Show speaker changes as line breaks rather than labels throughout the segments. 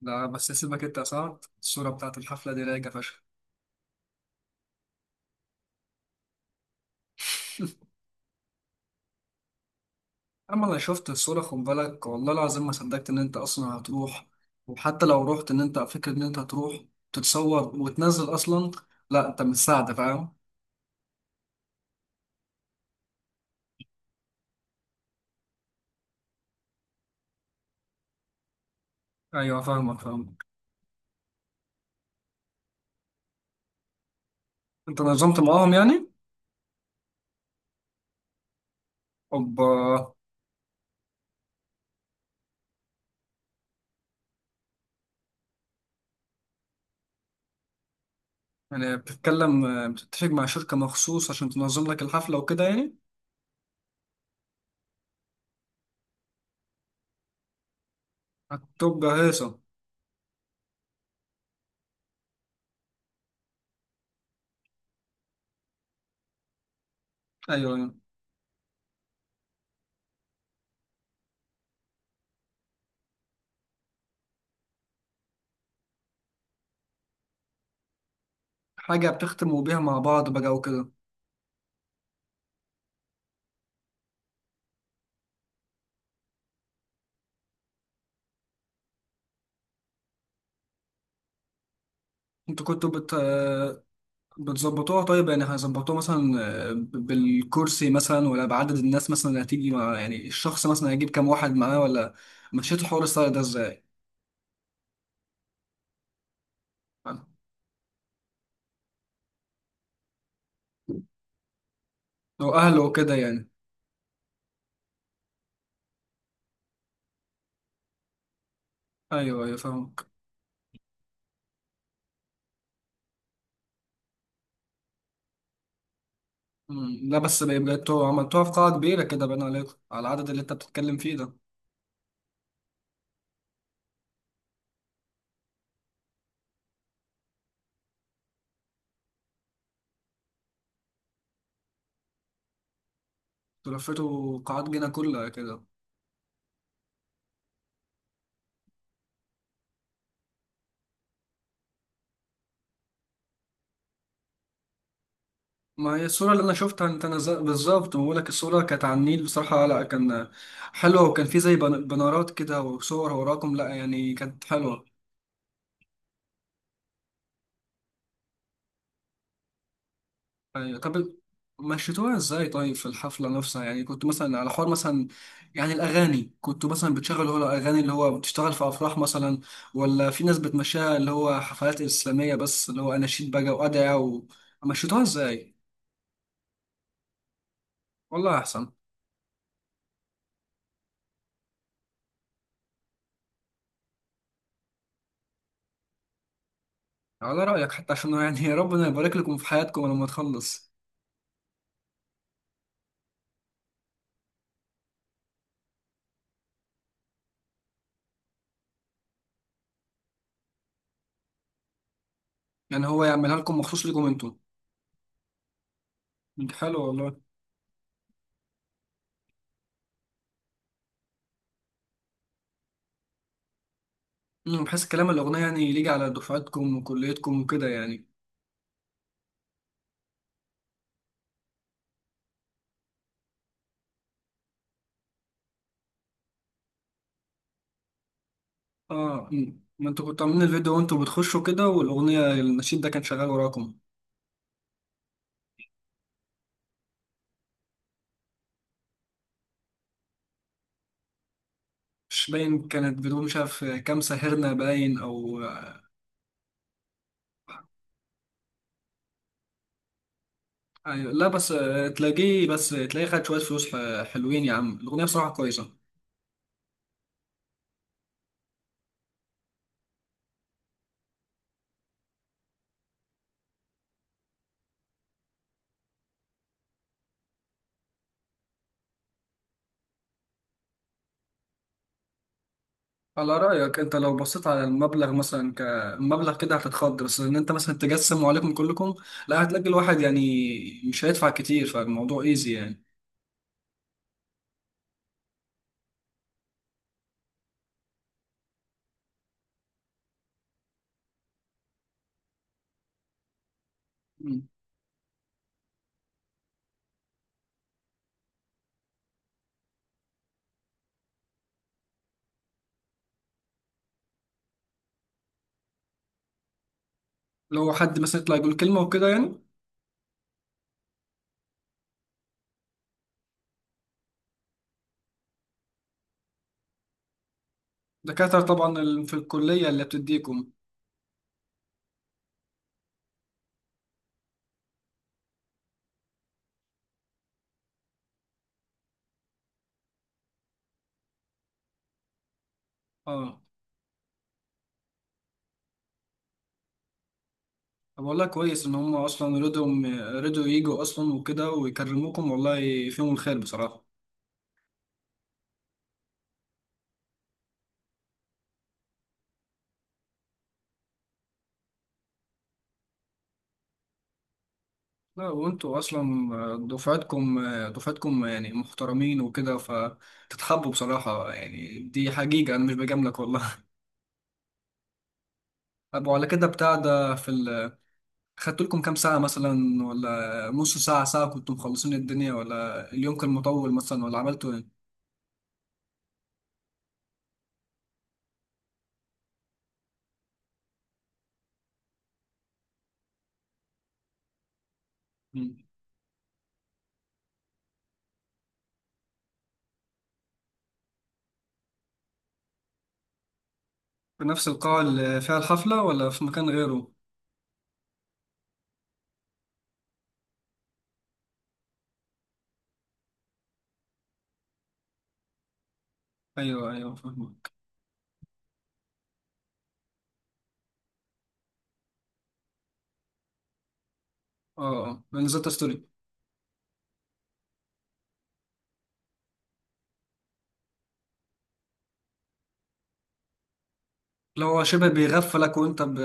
لا، بس سيبك انت يا سعد، الصورة بتاعت الحفلة دي رايقة فشخ. أما أنا شفت الصورة خد بالك، والله العظيم ما صدقت إن أنت أصلا هتروح، وحتى لو رحت إن أنت فكرة إن أنت هتروح تتصور وتنزل أصلا. لا، أنت مش ساعدة فاهم. أيوه فاهمك فاهمك. أنت نظمت معاهم يعني؟ أوبا. يعني بتتفق مع شركة مخصوص عشان تنظم لك الحفلة وكده يعني؟ هتبقى هيصة. أيوه أيوه. حاجة بتختموا بيها مع بعض بقى وكده. أنتوا كنتوا بت... بتظبطوها طيب، يعني هيظبطوها مثلا بالكرسي مثلا ولا بعدد الناس مثلا اللي هتيجي، مع يعني الشخص مثلا هيجيب كام واحد معاه، ولا مشيت الحوار الصغير ده ازاي؟ لو اهله وكده يعني. ايوه ايوه فاهمك. مم. لا، بس بقيتوا عملتوها في قاعة كبيرة كده باين عليكم على العدد اللي انت بتتكلم فيه ده؟ تلفتوا قاعات جنة كلها كده؟ ما هي الصورة اللي أنا شفتها أنت نزل بالظبط، بقول لك الصورة كانت على النيل، بصراحة لا كان حلوة، وكان في زي بنارات كده وصور وراكم، لا يعني كانت حلوة. أيوة. طب مشيتوها ازاي طيب في الحفلة نفسها يعني، كنت مثلا على حوار مثلا يعني الأغاني، كنت مثلا بتشغل هو الأغاني اللي هو بتشتغل في أفراح مثلا، ولا في ناس بتمشيها اللي هو حفلات إسلامية بس، اللي هو أناشيد بقى وأدعية، ومشيتوها ازاي؟ والله أحسن. على رأيك حتى، عشان يعني ربنا يبارك لكم في حياتكم لما تخلص. يعني هو يعملها لكم مخصوص لكم انتوا؟ حلو والله. بحيث كلام الأغنية يعني يليق على دفعتكم وكليتكم وكده يعني. اه. مم. ما انتوا كنتوا عاملين الفيديو وانتوا بتخشوا كده، والاغنيه النشيد ده كان شغال وراكم. مش باين، كانت بدون، مش عارف كام ساهرنا باين او. أيوة. لا، بس تلاقيه، بس تلاقيه خد شويه فلوس، حلوين يا عم الاغنيه بصراحه كويسه. على رايك انت لو بصيت على المبلغ مثلا كمبلغ كده هتتخض، بس ان انت مثلا تجسم وعليكم كلكم، لا، هتلاقي الواحد يعني مش هيدفع كتير، فالموضوع ايزي يعني. مم. لو حد مثلا يطلع يقول كلمه وكده يعني. دكاتره طبعا في الكليه اللي بتديكم. اه. طب والله كويس ان هم اصلا رضوا يجوا اصلا وكده ويكرموكم، والله فيهم الخير بصراحه. لا، وانتوا اصلا دفعتكم يعني محترمين وكده فتتحبوا بصراحه، يعني دي حقيقه انا مش بجاملك والله. طب وعلى كده بتاع ده في ال... خدت لكم كام ساعه مثلا ولا نص ساعه ساعه كنتوا مخلصين الدنيا، ولا اليوم كان مطول مثلا، ولا عملتوا ايه؟ مم. في نفس القاعه اللي فيها الحفله ولا في مكان غيره؟ ايوه ايوه فاهمك. اه اه، انا نزلت ستوري. لو هو شبه بيغفلك وانت ب...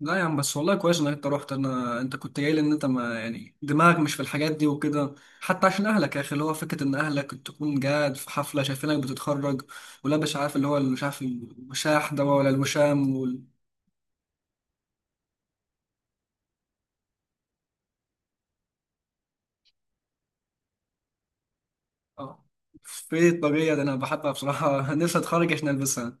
لا يا عم، بس والله كويس انك انت رحت، انت كنت جاي لي ان انت ما يعني دماغك مش في الحاجات دي وكده، حتى عشان اهلك يا اخي، اللي هو فكره ان اهلك تكون قاعد في حفله شايفينك بتتخرج ولابس، عارف اللي هو مش عارف الوشاح ده ولا الوشام وال... اه. في الطاقيه ده انا بحبها بصراحه. نفسي اتخرج عشان البسها.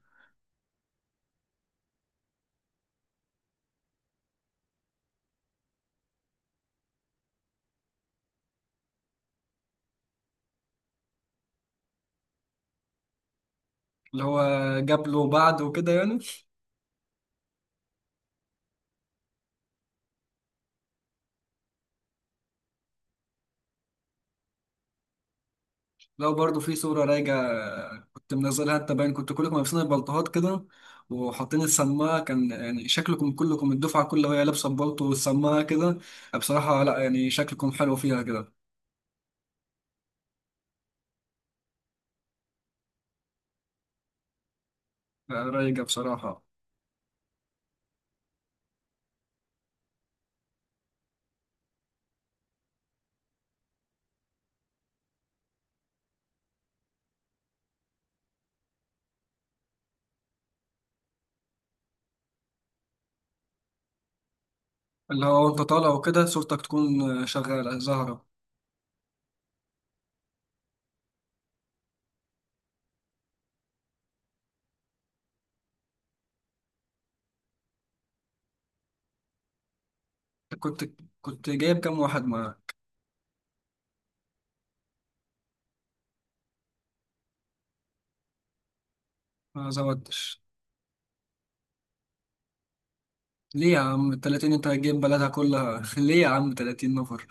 اللي هو قبل وبعد وكده يعني. لو برضو في صورة راجعة كنت منزلها انت، باين كنت كلكم لابسين البلطوهات كده، وحاطين السماعة، كان يعني شكلكم كلكم الدفعة كلها وهي لابسة البلطو والسماعة كده، بصراحة لا يعني شكلكم حلو فيها كده. رايقة بصراحة. اللي هو انت طالع وكده صورتك تكون شغالة زهرة. كنت كنت جايب كام واحد معاك؟ ما زودتش. ليه يا عم 30، انت هتجيب بلدها كلها؟ ليه يا عم 30 نفر؟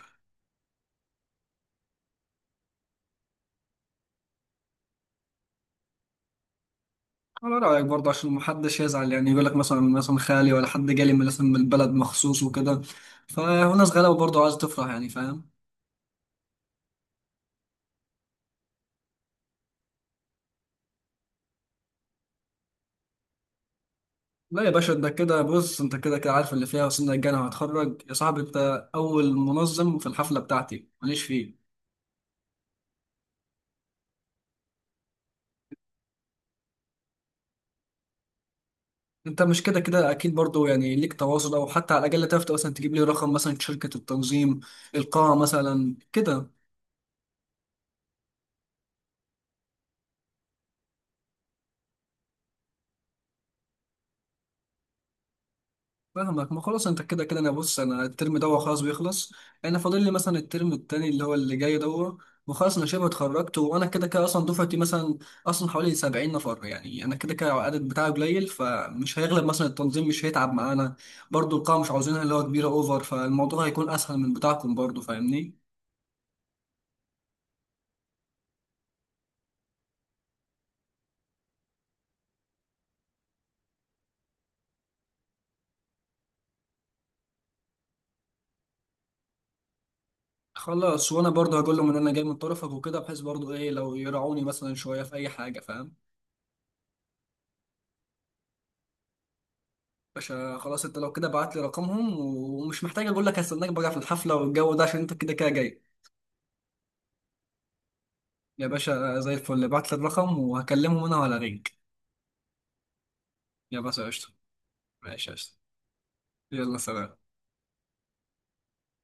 على رأيك برضه عشان محدش يزعل يعني، يقول لك مثلا خالي ولا حد جالي مثلا من البلد مخصوص وكده، فالناس غلابة برضه عايزة تفرح يعني، فاهم. لا يا باشا، انت كده بص، انت كده كده عارف اللي فيها، وسنك الجنة وهتخرج يا صاحبي، انت أول منظم في الحفلة بتاعتي ماليش فيه. انت مش كده كده اكيد برضه يعني ليك تواصل، او حتى على الاقل تعرف مثلا تجيب لي رقم مثلا شركة التنظيم، القاعة مثلا كده. فاهمك، ما خلاص انت كده كده، بص انا الترم ده خلاص بيخلص، انا فاضل لي مثلا الترم التاني اللي هو اللي جاي ده، وخلاص انا شبه اتخرجت، وانا كده كده اصلا دفعتي مثلا اصلا حوالي 70 نفر يعني، انا كده كده العدد بتاعي قليل فمش هيغلب مثلا التنظيم، مش هيتعب معانا. برضو القاعة مش عاوزينها اللي هو كبيرة اوفر، فالموضوع هيكون اسهل من بتاعكم برضو، فاهمني. خلاص، وانا برضو هقول لهم ان انا جاي من طرفك وكده، بحيث برضو ايه لو يراعوني مثلا شوية في اي حاجة، فاهم. باشا خلاص، انت لو كده بعت لي رقمهم، ومش محتاج اقول لك هستناك بقى في الحفله والجو ده عشان انت كده كده جاي. يا باشا زي الفل، بعت لي الرقم وهكلمهم انا ولا رينج. يا باشا قشطه. ماشي قشطه. يلا سلام.